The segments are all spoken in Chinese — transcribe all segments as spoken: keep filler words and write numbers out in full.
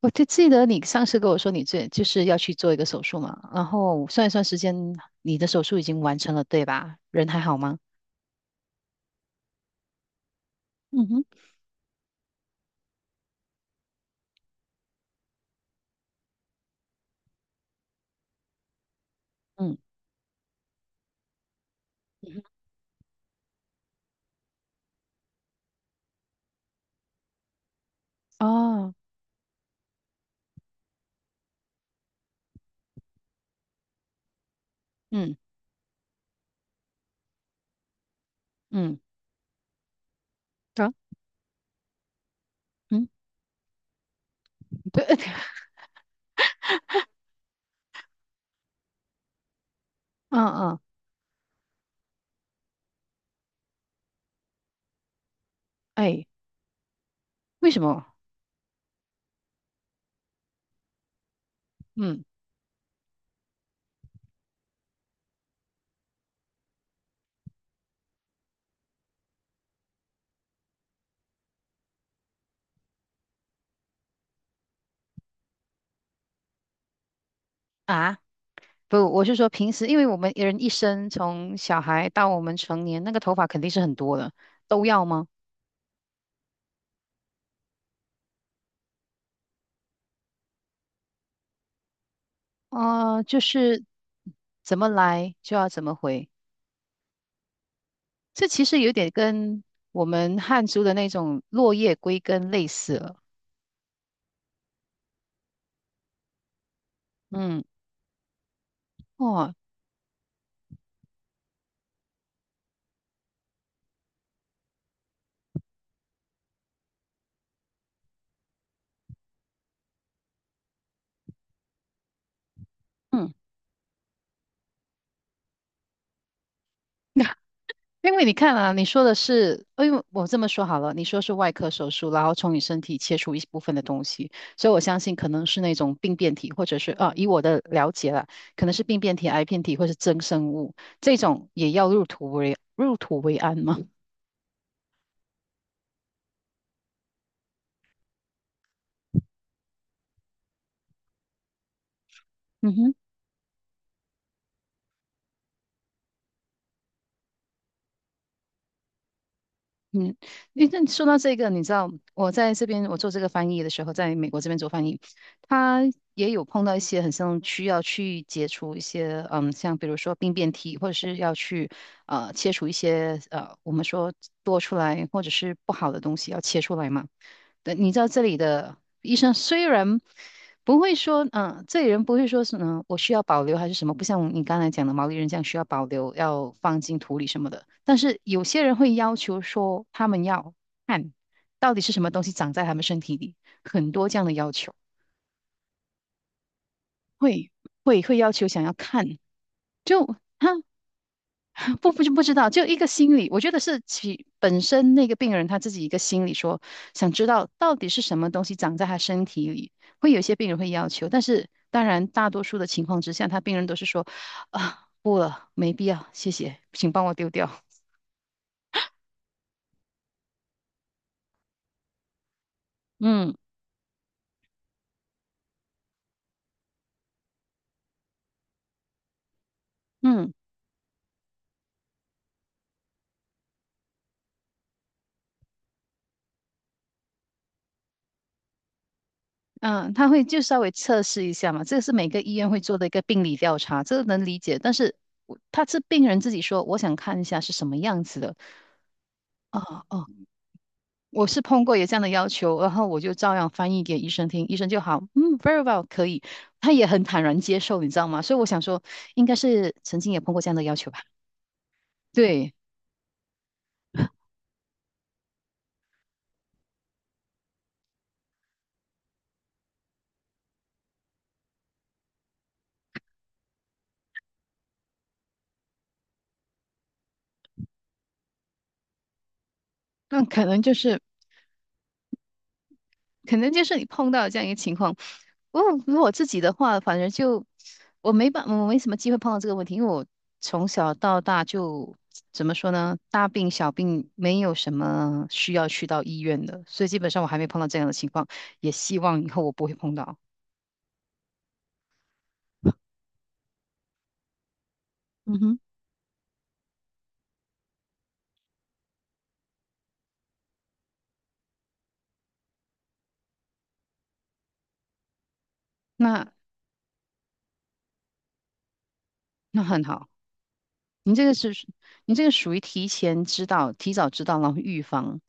我就记得你上次跟我说你最，就是要去做一个手术嘛，然后算一算时间，你的手术已经完成了，对吧？人还好吗？嗯哼。嗯嗯哼。哦。嗯嗯。啊。嗯。对。嗯嗯。哎，为什么？嗯啊，不，我是说平时，因为我们人一生从小孩到我们成年，那个头发肯定是很多的，都要吗？啊，就是怎么来就要怎么回。这其实有点跟我们汉族的那种落叶归根类似了。嗯。哦。嗯。因为你看啊，你说的是，哎呦，我这么说好了，你说是外科手术，然后从你身体切除一部分的东西，所以我相信可能是那种病变体，或者是啊，以我的了解啦，可能是病变体、癌变体或是增生物，这种也要入土为入土为安吗？嗯哼。嗯，诶那说到这个，你知道我在这边我做这个翻译的时候，在美国这边做翻译，他也有碰到一些很像需要去解除一些，嗯，像比如说病变体，或者是要去呃切除一些呃我们说多出来或者是不好的东西要切出来嘛。对，你知道这里的医生虽然不会说，嗯、这里人不会说是，嗯、我需要保留还是什么，不像你刚才讲的毛利人这样需要保留，要放进土里什么的。但是有些人会要求说，他们要看到底是什么东西长在他们身体里，很多这样的要求，会会会要求想要看，就他不不不知道，就一个心理，我觉得是其本身那个病人他自己一个心理说，想知道到底是什么东西长在他身体里，会有一些病人会要求，但是当然大多数的情况之下，他病人都是说啊不了，没必要，谢谢，请帮我丢掉。嗯嗯嗯，他会就稍微测试一下嘛，这个是每个医院会做的一个病理调查，这个能理解，但是我他是病人自己说，我想看一下是什么样子的。哦哦，我是碰过有这样的要求，然后我就照样翻译给医生听，医生就好，嗯，very well，可以，他也很坦然接受，你知道吗？所以我想说，应该是曾经也碰过这样的要求吧？对，那可能就是，可能就是你碰到这样一个情况。我如果自己的话，反正就我没办，我没什么机会碰到这个问题，因为我从小到大就怎么说呢，大病小病没有什么需要去到医院的，所以基本上我还没碰到这样的情况，也希望以后我不会碰到。嗯哼。那那很好，你这个是你这个属于提前知道、提早知道，然后预防。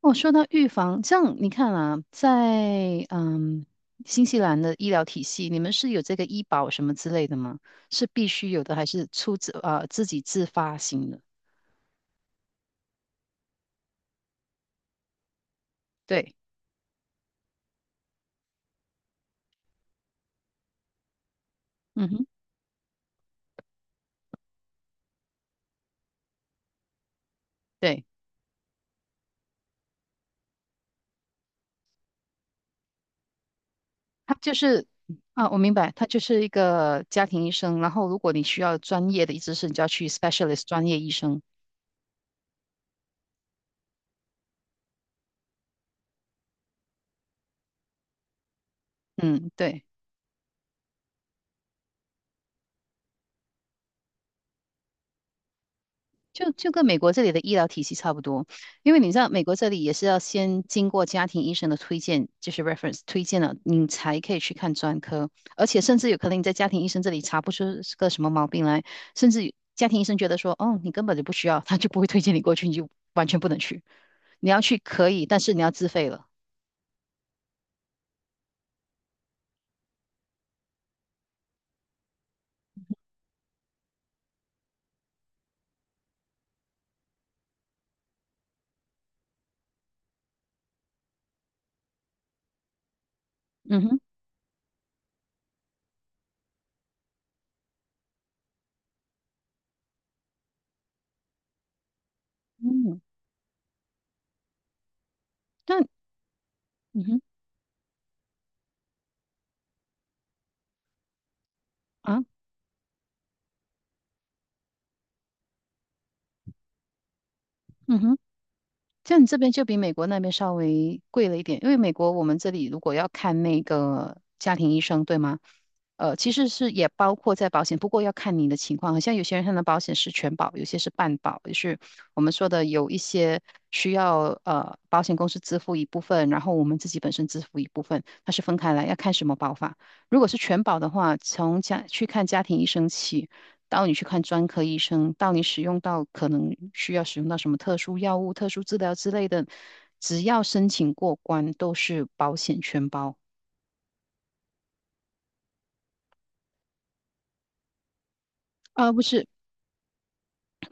哦，说到预防，这样你看啊，在嗯新西兰的医疗体系，你们是有这个医保什么之类的吗？是必须有的，还是出自呃自己自发型的？对。嗯哼。对。他就是啊，我明白，他就是一个家庭医生，然后如果你需要专业的医师，你就要去 specialist 专业医生。嗯，对。就就跟美国这里的医疗体系差不多，因为你知道美国这里也是要先经过家庭医生的推荐，就是 reference 推荐了，你才可以去看专科，而且甚至有可能你在家庭医生这里查不出是个什么毛病来，甚至家庭医生觉得说，哦，你根本就不需要，他就不会推荐你过去，你就完全不能去。你要去可以，但是你要自费了。嗯哼。嗯。但嗯哼啊。嗯哼。像你这边就比美国那边稍微贵了一点，因为美国我们这里如果要看那个家庭医生，对吗？呃，其实是也包括在保险，不过要看你的情况。好像有些人他的保险是全保，有些是半保，就是我们说的有一些需要呃保险公司支付一部分，然后我们自己本身支付一部分，它是分开来，要看什么保法。如果是全保的话，从家去看家庭医生起。到你去看专科医生，到你使用到可能需要使用到什么特殊药物、特殊治疗之类的，只要申请过关，都是保险全包。呃，不是，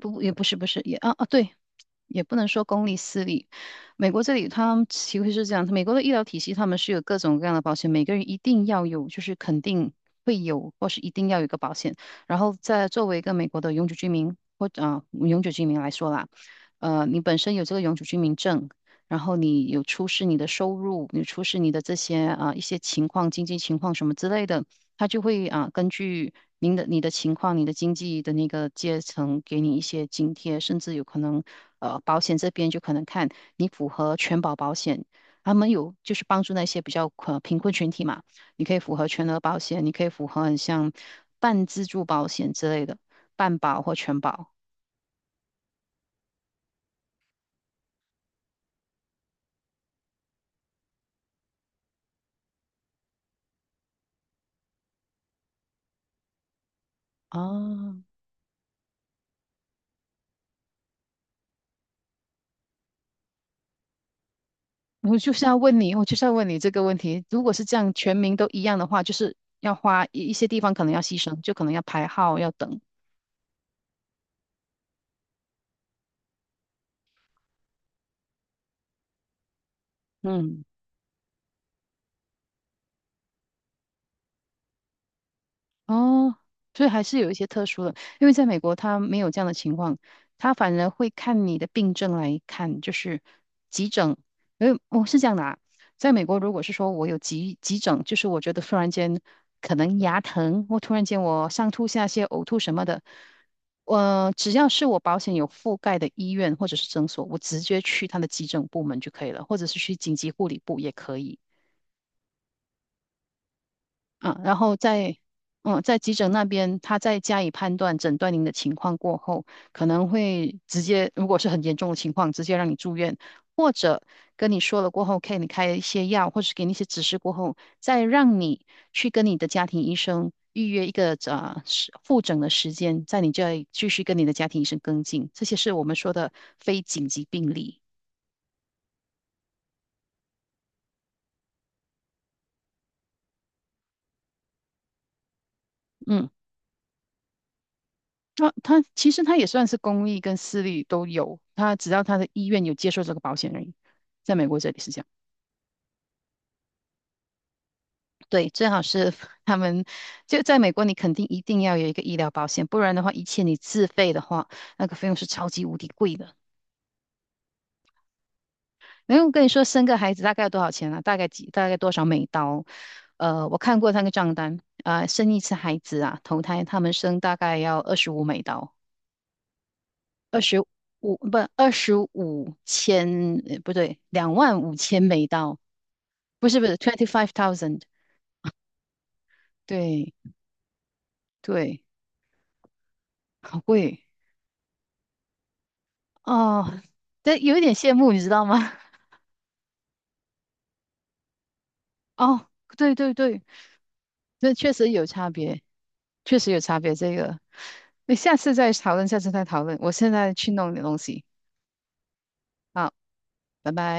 不，也不是，不是，也啊啊，对，也不能说公立私立。美国这里他们其实是这样，美国的医疗体系他们是有各种各样的保险，每个人一定要有，就是肯定会有，或是一定要有一个保险。然后再作为一个美国的永久居民或啊、嗯永久居民来说啦，呃，你本身有这个永久居民证，然后你有出示你的收入，你出示你的这些啊、一些情况、经济情况什么之类的。他就会啊，根据您的你的情况、你的经济的那个阶层，给你一些津贴，甚至有可能，呃，保险这边就可能看你符合全保保险，他们有就是帮助那些比较呃贫困群体嘛，你可以符合全额保险，你可以符合很像半自助保险之类的，半保或全保啊。我就是要问你，我就是要问你这个问题。如果是这样，全民都一样的话，就是要花一一些地方可能要牺牲，就可能要排号，要等。嗯。哦，所以还是有一些特殊的，因为在美国他没有这样的情况，他反而会看你的病症来看，就是急诊。因为我是这样的啊，在美国如果是说我有急急诊，就是我觉得突然间可能牙疼，或突然间我上吐下泻、呕吐什么的，呃，只要是我保险有覆盖的医院或者是诊所，我直接去他的急诊部门就可以了，或者是去紧急护理部也可以。啊，然后在嗯，在急诊那边，他再加以判断、诊断您的情况过后，可能会直接，如果是很严重的情况，直接让你住院，或者跟你说了过后，给你开一些药，或是给你一些指示过后，再让你去跟你的家庭医生预约一个呃时复诊的时间，在你这里继续跟你的家庭医生跟进。这些是我们说的非紧急病例。嗯。它他其实他也算是公立跟私立都有，他只要他的医院有接受这个保险而已，在美国这里是这样。对，最好是 他们就在美国，你肯定一定要有一个医疗保险，不然的话，一切你自费的话，那个费用是超级无敌贵的。然后我跟你说，生个孩子大概要多少钱啊？大概几大概多少美刀？呃，我看过那个账单，啊、生一次孩子啊，头胎他们生大概要二十五美刀，二十五不二十五千，呃不对，两万五千美刀，不是不是，twenty five thousand，对对，好贵哦，但有一点羡慕，你知道吗？哦，对对对，这确实有差别，确实有差别。这个，那下次再讨论，下次再讨论。我现在去弄点东西，好，拜拜。